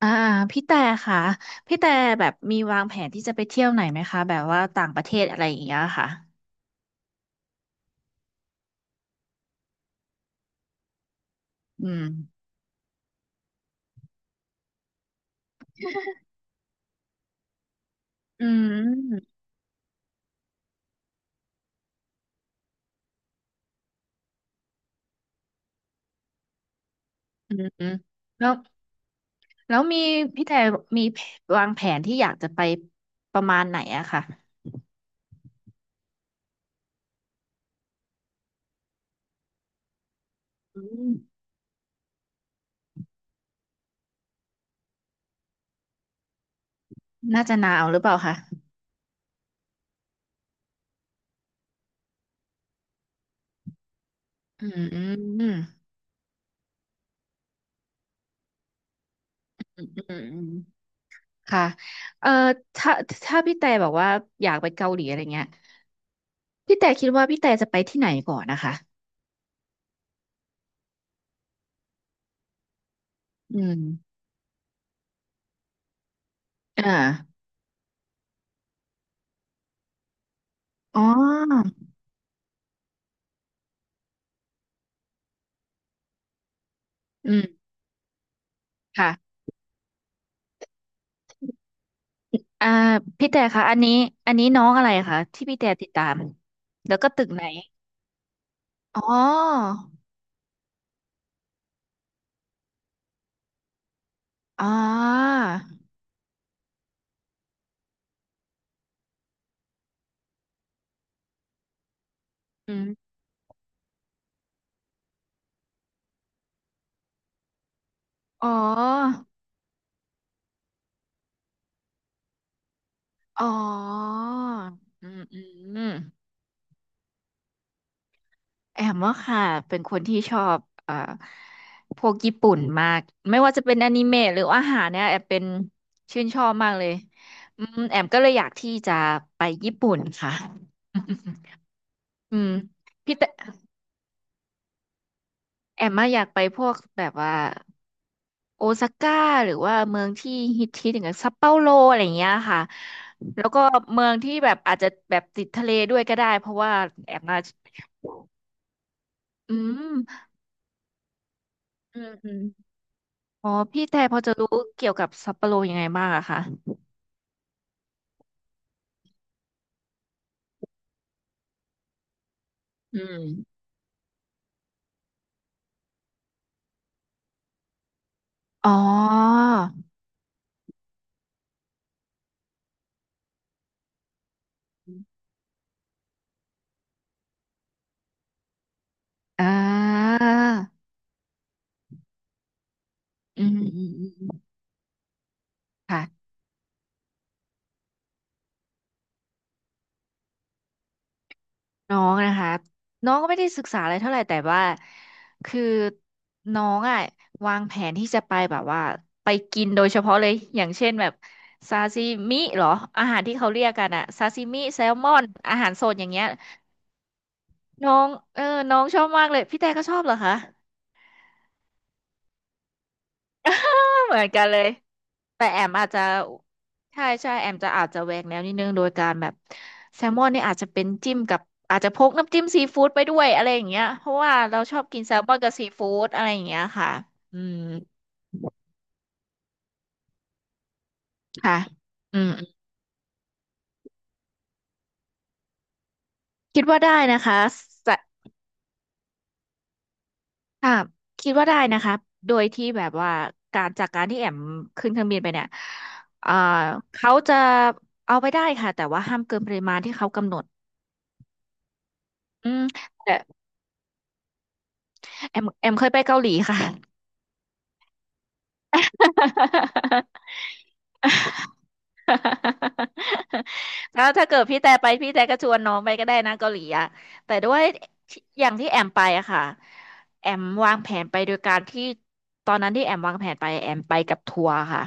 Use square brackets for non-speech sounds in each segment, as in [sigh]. อ่าพี่แต่ค่ะพี่แต่แบบมีวางแผนที่จะไปเที่ยวไหนไหมคะแบบว่าต่างประเทศอะไรอย่างเงี้ยค่ะอืมอืมอืมอืมแล้วแล้วมีพี่แต่มีวางแผนที่อยากจะไปประมาณไหนอะค่ะอืมน่าจะหนาวหรือเปล่าคะอืมอืมอืมอืมอืมค่ะเอ่อถ้าถ้าพี่แต่บอกว่าอยากไปเกาหลีอะไรเงี้ยพี่แต่คิดว่าพี่แต่จะไปที่ไหนก่อนนะคะอืมอ่าอ๋ออืมค่ะ อ่าพี่แต่คะอันนี้อันนี้น้องอะไรคะที่พี่แต่ติดตามแล้วก็ตึกไหนอ๋ออ๋ออืมอ๋ออ๋ออืมอืมแอมว่าค่ะเป็นคนที่ชอบพวกญี่ปุ่นมากไม่ว่าจะเป็นอนิเมะหรืออาหารเนี่ยแอมเป็นชื่นชอบมากเลยอืมแอมก็เลยอยากที่จะไปญี่ปุ่นค่ะ [laughs] อืมพี่แต่แอมมาอะอยากไปพวกแบบว่า โอซาก้าหรือว่าเมืองที่ฮิตอย่างเงี้ยซัปเปาโลอะไรอย่างเงี้ยค่ะแล้วก็เมืองที่แบบอาจจะแบบติดทะเลด้วยก็ได้เพราะว่าแอมมาอืมอืมอืมอ๋อพี่แต่พอจะรู้เกี่ยวกับซัปเปาโลยังไงบ้างอะคะอืมอ๋ออ่าอืมอืมอืมค่ะ น้องนะคะน้องก็ไม่ได้ศึกษาอะไรเท่าไหร่แต่ว่าคือน้องอ่ะวางแผนที่จะไปแบบว่าไปกินโดยเฉพาะเลยอย่างเช่นแบบซาซิมิเหรออาหารที่เขาเรียกกันอะซาซิมิแซลมอนอาหารสดอย่างเงี้ยน้องเออน้องชอบมากเลยพี่แต่ก็ชอบเหรอคะ [laughs] เหมือนกันเลย แต่แอมอาจจะใช่ใช่แอมจะอาจจะแหวกแนวนิดนึงโดยการแบบแซลมอนนี่อาจจะเป็นจิ้มกับอาจจะพกน้ำจิ้มซีฟู้ดไปด้วยอะไรอย่างเงี้ยเพราะว่าเราชอบกินแซลมอนกับซีฟู้ดอะไรอย่างเงี้ยค่ะอืมค่ะอืมคิดว่าได้นะคะสะค่ะคิดว่าได้นะคะโดยที่แบบว่าการจากการที่แอมขึ้นเครื่องบินไปเนี่ยเอ่าเขาจะเอาไปได้ค่ะแต่ว่าห้ามเกินปริมาณที่เขากำหนดอืมแต่แอมเคยไปเกาหลีค่ะ [laughs] แล้วถ้าเกิดพี่แต่ไปพี่แต่ก็ชวนน้องไปก็ได้นะเกาหลีอะแต่ด้วยอย่างที่แอมไปอะค่ะแอมวางแผนไปโดยการที่ตอนนั้นที่แอมวางแผนไปแอมไปกับทัวร์ค่ะ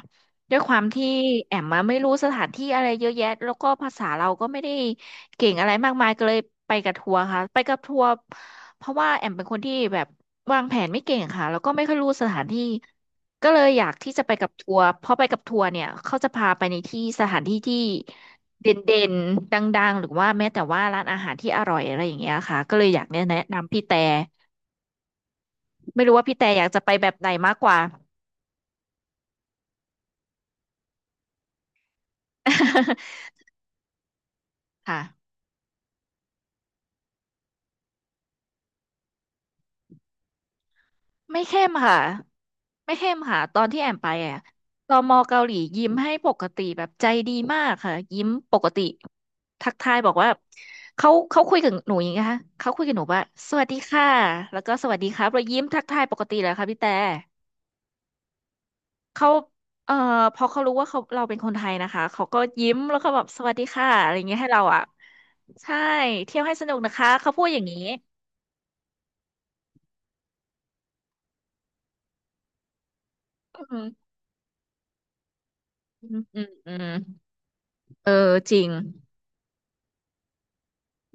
ด้วยความที่แอมมาไม่รู้สถานที่อะไรเยอะแยะแล้วก็ภาษาเราก็ไม่ได้เก่งอะไรมากมายก็เลยไปกับทัวร์ค่ะไปกับทัวร์เพราะว่าแอมเป็นคนที่แบบวางแผนไม่เก่งค่ะแล้วก็ไม่ค่อยรู้สถานที่ ก็เลยอยากที่จะไปกับทัวร์เพราะไปกับทัวร์เนี่ยเขาจะพาไปในที่สถานที่ที่เด่นๆดนดังๆหรือว่าแม้แต่ว่าร้านอาหารที่อร่อยอะไรอย่างเงี้ยค่ะก็เลยอยากแนะนำพี่แต่ไม่รู้ว่าพี่แต่อยากจะไปแบบไหนมากกว่า [laughs] ค่ะ ไม่เข้มค่ะไม่เข้มค่ะตอนที่แอมไปอ่ะตมเกาหลียิ้มให้ปกติแบบใจดีมากค่ะยิ้มปกติทักทายบอกว่าเขาคุยกับหนูอย่างนี้นะคะเขาคุยกับหนูว่าสวัสดีค่ะแล้วก็สวัสดีครับเรายิ้มทักทายปกติเลยค่ะพี่แต่เขาเอ่อพอเขารู้ว่าเขาเราเป็นคนไทยนะคะเขาก็ยิ้มแล้วก็แบบสวัสดีค่ะอะไรอย่างเงี้ยให้เราอ่ะใช่เที่ยวให้สนุกนะคะเขาพูดอย่างนี้อืมอืมอืมอืมเออจริง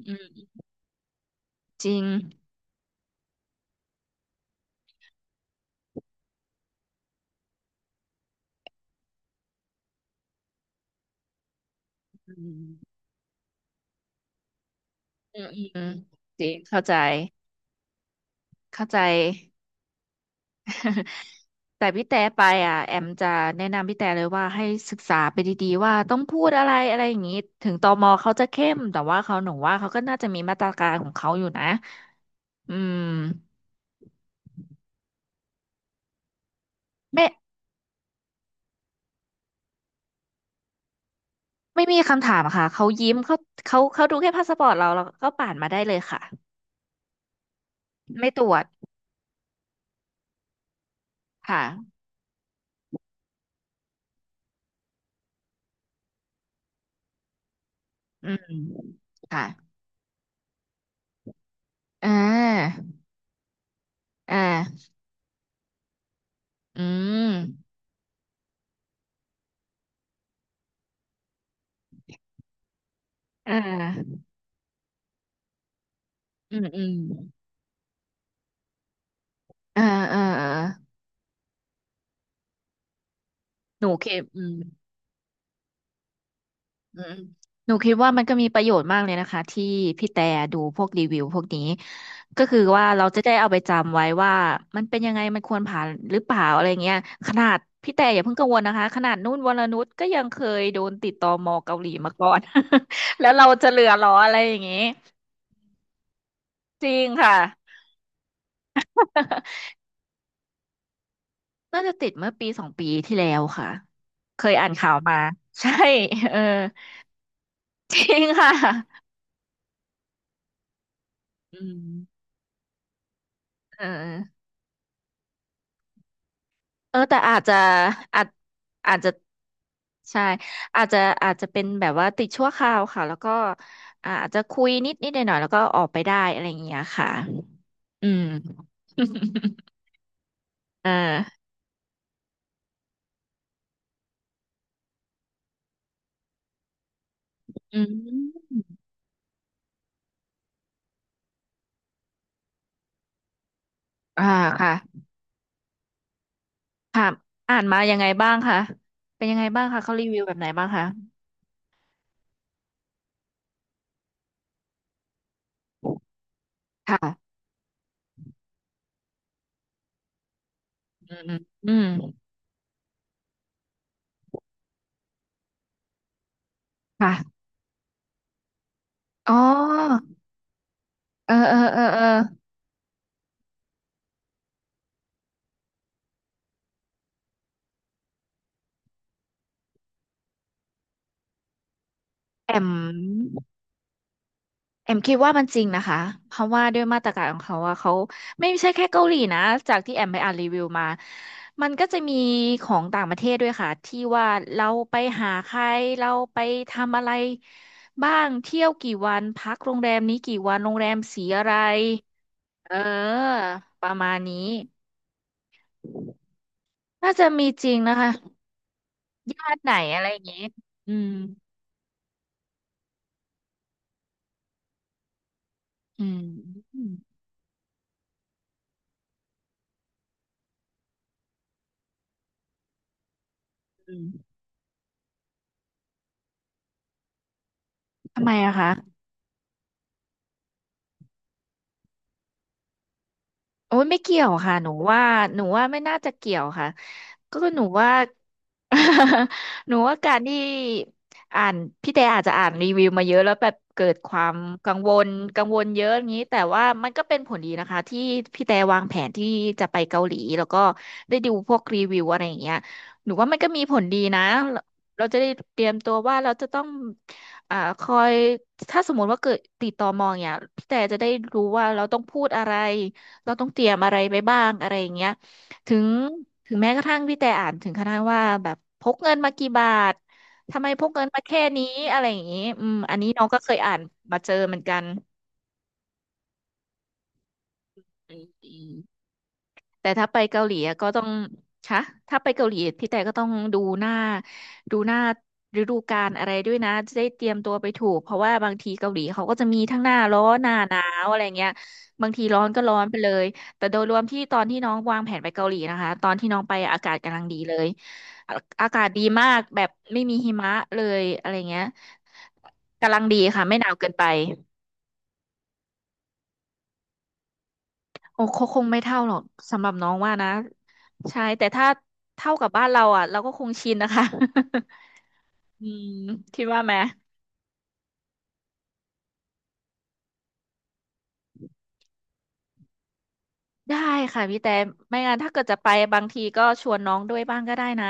อืมจริง อืมอืมอืมอืจริงเข้าใจเข้าใจ [laughs] แต่พี่แต่ไปอ่ะแอมจะแนะนำพี่แต่เลยว่าให้ศึกษาไปดีๆว่าต้องพูดอะไรอะไรอย่างนี้ถึงตมเขาจะเข้มแต่ว่าเขาหนูว่าเขาก็น่าจะมีมาตรการของเขาอยู่นะอืมไม่ไม่มีคำถามค่ะเขายิ้มเขาดูแค่พาสปอร์ตเราแล้วก็ผ่านมาได้เลยค่ะไม่ตรวจค่ะอืมค่ะอ่าอ่าอืมอ่าอืมอืม อ่าอ่าอ่าหนูคิดอืมอืมหนูคิดว่ามันก็มีประโยชน์มากเลยนะคะที่พี่แต่ดูพวกรีวิวพวกนี้ก็คือว่าเราจะได้เอาไปจำไว้ว่ามันเป็นยังไงมันควรผ่านหรือเปล่าอะไรเงี้ยขนาดพี่แต่อย่าเพิ่งกังวลนะคะขนาดนุ่นวรนุชก็ยังเคยโดนติดตมเกาหลีมาก่อน [laughs] แล้วเราจะเหลือเหรออะไรอย่างงี้จริงค่ะ [laughs] น่าจะติดเมื่อปีสองปีที่แล้วค่ะเคยอ่านข่าวมาใช่เออจริงค่ะอืม เออเออแต่อาจจะอาจอาจจะใช่อาจจะอาจจะเป็นแบบว่าติดชั่วคราวค่ะแล้วก็อาจจะคุยนิดหน่อยๆแล้วก็ออกไปได้อะไรอย่างเงี้ยค่ะอืม [laughs] เอออืมอ่าค่ะค่ะอ่านมายังไงบ้างคะเป็นยังไงบ้างคะเขารีวิวแบบไหนบ้างคะค่ะอืมอืมอืมค่ะอ๋อเออแอม เอมคิดว่ามันจริงนะคะเพราะว่าด้วยมาตรการของเขาว่าเขาไม่ใช่แค่เกาหลีนะจากที่แอมไปอ่านรีวิวมามันก็จะมีของต่างประเทศด้วยค่ะที่ว่าเราไปหาใครเราไปทำอะไรบ้างเที่ยวกี่วันพักโรงแรมนี้กี่วันโรงแรมสีอะไรเออประมาณนี้น่าจะมีจริงนะคะญาติไหนอะไรอย่างงี้อืมอืมอืมอืมทำไมอะคะ โอ้ยไม่เกี่ยวค่ะหนูว่าหนูว่าไม่น่าจะเกี่ยวค่ะก็คือหนูว่า [laughs] หนูว่าการที่อ่านพี่แต่อาจจะอ่านรีวิวมาเยอะแล้วแบบเกิดความกังวลกังวลเยอะอย่างนี้แต่ว่ามันก็เป็นผลดีนะคะที่พี่แต่วางแผนที่จะไปเกาหลีแล้วก็ได้ดูพวกรีวิวอะไรอย่างเงี้ยหนูว่ามันก็มีผลดีนะเราจะได้เตรียมตัวว่าเราจะต้องคอยถ้าสมมติว่าเกิดติดต่อมองเนี่ยพี่แต่จะได้รู้ว่าเราต้องพูดอะไร เราต้องเตรียมอะไรไปบ้างอะไรอย่างเงี้ยถึงถึงแม้กระทั่งพี่แต่อ่านถึงขนาดว่าแบบพกเงินมากี่บาท ทำไมพกเงินมาแค่นี้อะไรอย่างงี้อืมอันนี้น้องก็เคยอ่านมาเจอเหมือนกันอืม แต่ถ้าไปเกาหลีอะก็ต้องคะถ้าไปเกาหลีพี่แต่ก็ต้องดูหน้าฤดูกาลอะไรด้วยนะจะได้เตรียมตัวไปถูกเพราะว่าบางทีเกาหลีเขาก็จะมีทั้งหน้าร้อนหน้าหนาวอะไรเงี้ยบางทีร้อนก็ร้อนไปเลยแต่โดยรวมที่ตอนที่น้องวางแผนไปเกาหลีนะคะตอนที่น้องไปอากาศกำลังดีเลยอาอากาศดีมากแบบไม่มีหิมะเลยอะไรเงี้ยกำลังดีค่ะไม่หนาวเกินไปโอ้คงไม่เท่าหรอกสำหรับน้องว่านะ ใช่แต่ถ้าเท่ากับบ้านเราอ่ะเราก็คงชินนะคะ [laughs] อืมคิดว่าไหมได้ค่ะพี่แต่ไม่งั้นถ้าเกิดจะไปบางทีก็ชวนน้องด้วยบ้างก็ได้นะ